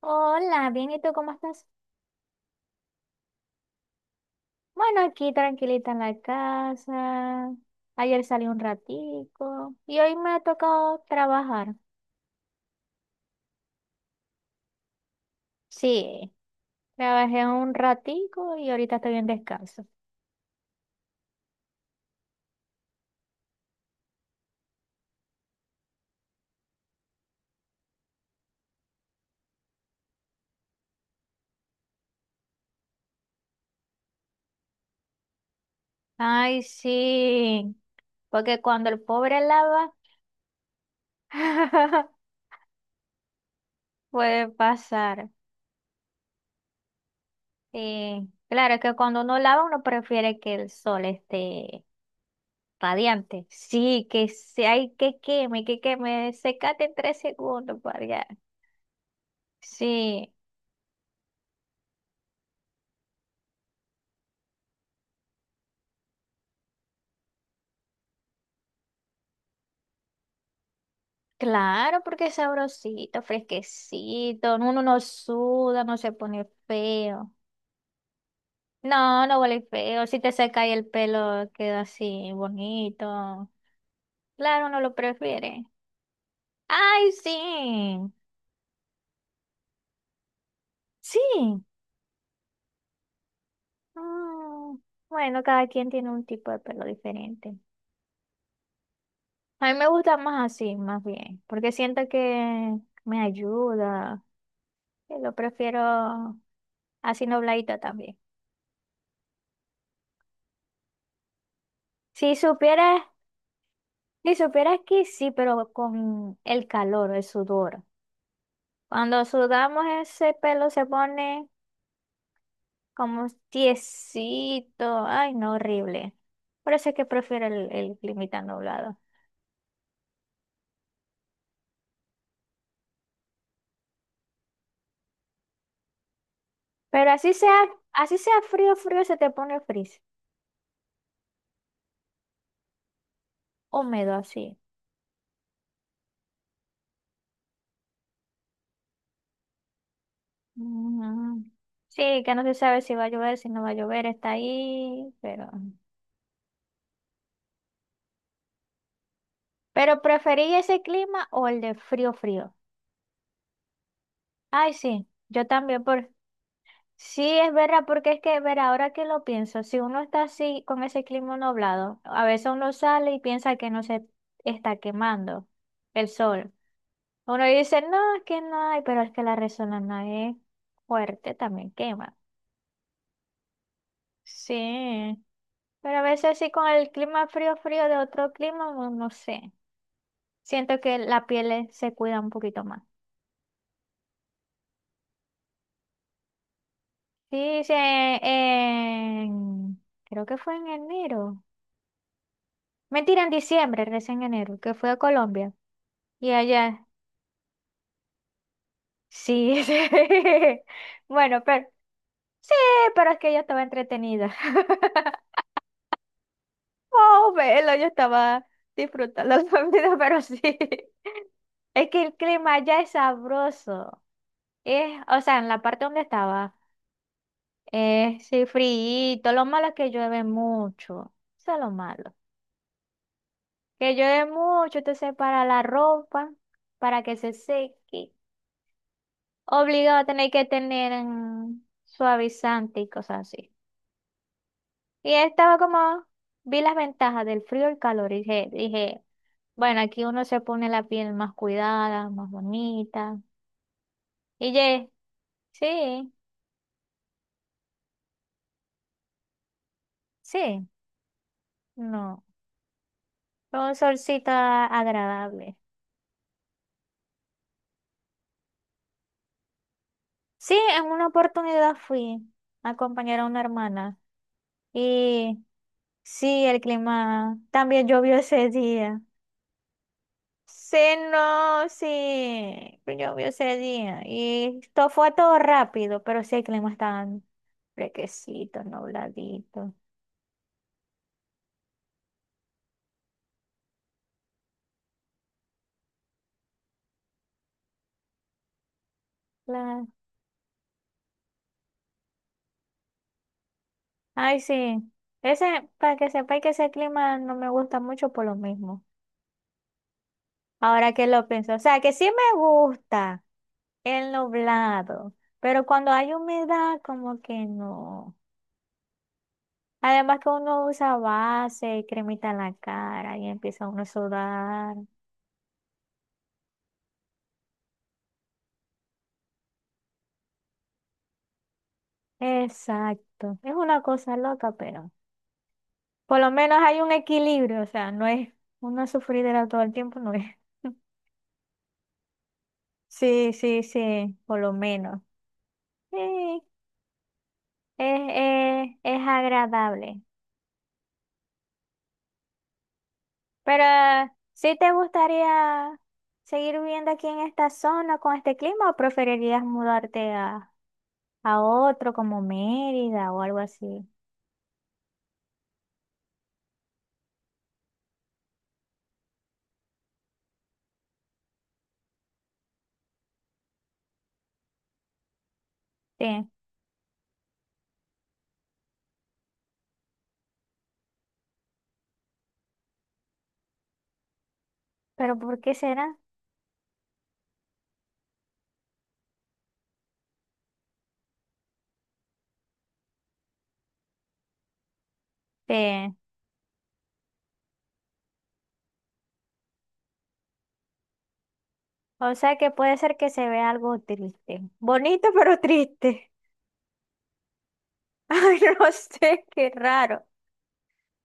Hola, bien, ¿y tú cómo estás? Bueno, aquí tranquilita en la casa. Ayer salí un ratico y hoy me ha tocado trabajar. Sí, trabajé un ratico y ahorita estoy en descanso. Ay, sí, porque cuando el pobre lava, puede pasar. Sí, claro que cuando uno lava uno prefiere que el sol esté radiante. Sí, ay, que queme, secate en tres segundos para allá. Sí, claro, porque es sabrosito, fresquecito, uno no suda, no se pone feo. No, no huele feo, si te seca y el pelo queda así bonito. Claro, no lo prefiere. Ay, sí, sí. Mm, bueno, cada quien tiene un tipo de pelo diferente. A mí me gusta más así, más bien, porque siento que me ayuda. Que Lo prefiero así nubladito también. Si supieras, si supieras que sí, pero con el calor, el sudor. Cuando sudamos ese pelo se pone como tiesito. Ay, no, horrible. Por eso es que prefiero el clima tan nublado. Pero así sea frío, frío, se te pone frizz. Húmedo así. Mm. Sí, que no se sabe si va a llover, si no va a llover, está ahí, pero. Pero preferí ese clima o el de frío, frío. Ay, sí, yo también, por sí, es verdad, porque es que, ver, ahora que lo pienso, si uno está así con ese clima nublado, a veces uno sale y piensa que no se está quemando el sol. Uno dice, no, es que no hay, pero es que la resonancia es fuerte, también quema. Sí, pero a veces sí con el clima frío, frío de otro clima, no, no sé. Siento que la piel se cuida un poquito más. Sí, sí, creo que fue en enero. Mentira, en diciembre, recién en enero, que fui a Colombia. Y allá, sí, sí. Bueno, pero sí, pero es que yo estaba entretenida. Oh, velo, yo estaba disfrutando la vida, pero sí. Es que el clima allá es sabroso. Es, o sea, en la parte donde estaba, es sí, frío. Lo malo es que llueve mucho. Eso es lo malo. Que llueve mucho, entonces para la ropa, para que se seque. Obligado a tener que tener suavizante y cosas así. Y estaba como, vi las ventajas del frío y el calor y dije, bueno, aquí uno se pone la piel más cuidada, más bonita. Y ye, sí, sí, no, fue un solcito agradable. Sí, en una oportunidad fui a acompañar a una hermana y sí, el clima también llovió ese día. Sí, no, sí, pero llovió ese día y esto fue todo rápido, pero sí el clima estaba fresquecito, nubladito. Claro, ay, sí, ese, para que sepáis que ese clima no me gusta mucho por lo mismo, ahora que lo pienso, o sea, que sí me gusta el nublado, pero cuando hay humedad como que no. Además que uno usa base y cremita en la cara y empieza uno a sudar. Exacto. Es una cosa loca, pero por lo menos hay un equilibrio, o sea, no es una sufridera todo el tiempo, no es. Sí, sí, sí, por lo menos. Sí, es, es agradable. Pero, ¿sí te gustaría seguir viviendo aquí en esta zona con este clima o preferirías mudarte a otro como Mérida o algo así? Sí, pero ¿por qué será? Sí. O sea que puede ser que se vea algo triste. Bonito, pero triste. Ay, no sé, qué raro.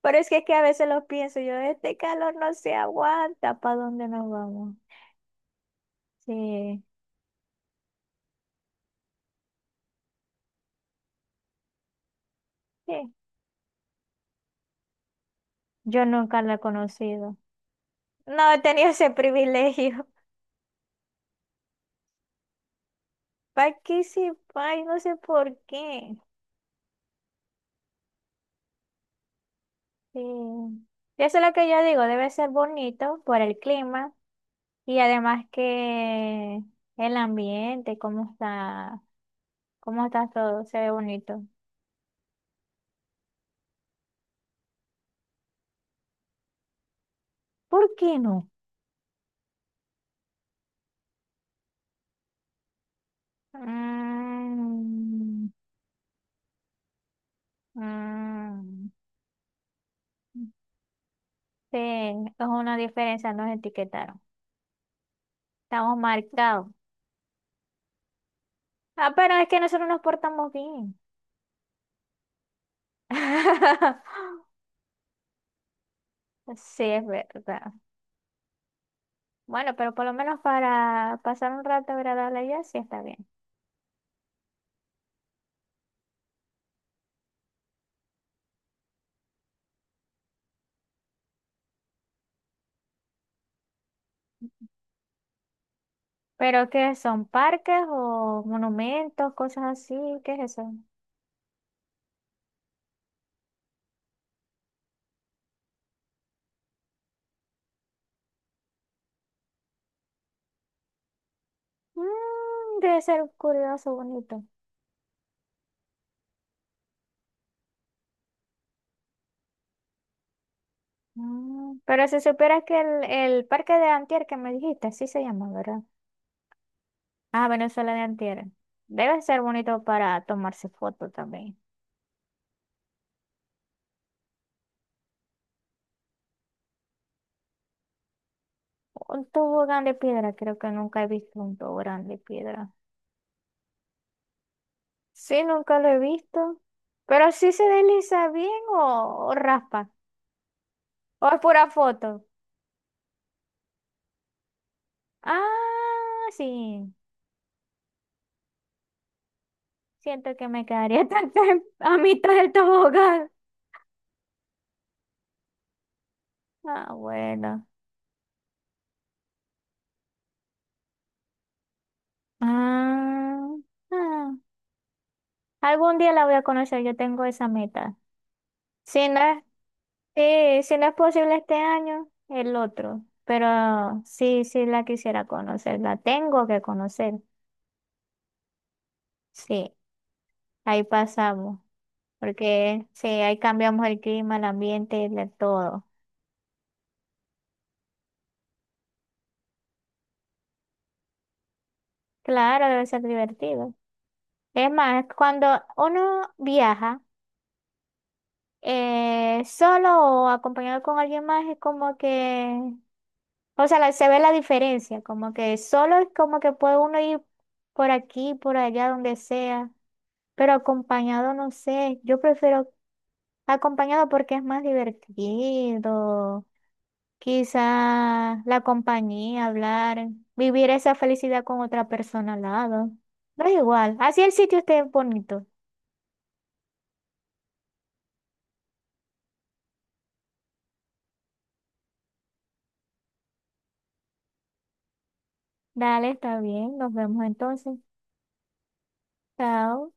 Pero es que a veces lo pienso, yo, este calor no se aguanta, ¿para dónde nos vamos? Sí, sí. Yo nunca lo he conocido. No he tenido ese privilegio. ¿Para qué sí? Ay, no sé por qué. Sí. Y eso es lo que yo digo, debe ser bonito por el clima y además que el ambiente, cómo está. ¿Cómo está todo? Se ve bonito. ¿Por qué no? Mm, mm, sí, es una diferencia, nos etiquetaron. Estamos marcados. Ah, pero es que nosotros nos portamos bien. Sí, es verdad. Bueno, pero por lo menos para pasar un rato agradable allá, sí está bien. ¿Pero qué son? ¿Parques o monumentos, cosas así? ¿Qué es eso? Mm, debe ser curioso, bonito. Pero si supieras que el parque de Antier que me dijiste, sí se llama, ¿verdad? Ah, Venezuela de Antier. Debe ser bonito para tomarse fotos también. Un tobogán de piedra, creo que nunca he visto un tobogán de piedra. Sí, nunca lo he visto. Pero sí se desliza bien o raspa. O es pura foto. Ah, sí. Siento que me quedaría tan tan a mitad del tobogán. Ah, bueno. Ah, ah. Algún día la voy a conocer, yo tengo esa meta. Si no es, sí, si no es posible este año, el otro. Pero sí, sí la quisiera conocer, la tengo que conocer. Sí, ahí pasamos. Porque sí, ahí cambiamos el clima, el ambiente, de todo. Claro, debe ser divertido. Es más, cuando uno viaja solo o acompañado con alguien más, es como que o sea, se ve la diferencia, como que solo es como que puede uno ir por aquí, por allá, donde sea, pero acompañado, no sé, yo prefiero acompañado porque es más divertido, quizá la compañía, hablar, vivir esa felicidad con otra persona al lado. No es igual, así el sitio esté bonito. Dale, está bien, nos vemos entonces. Chao.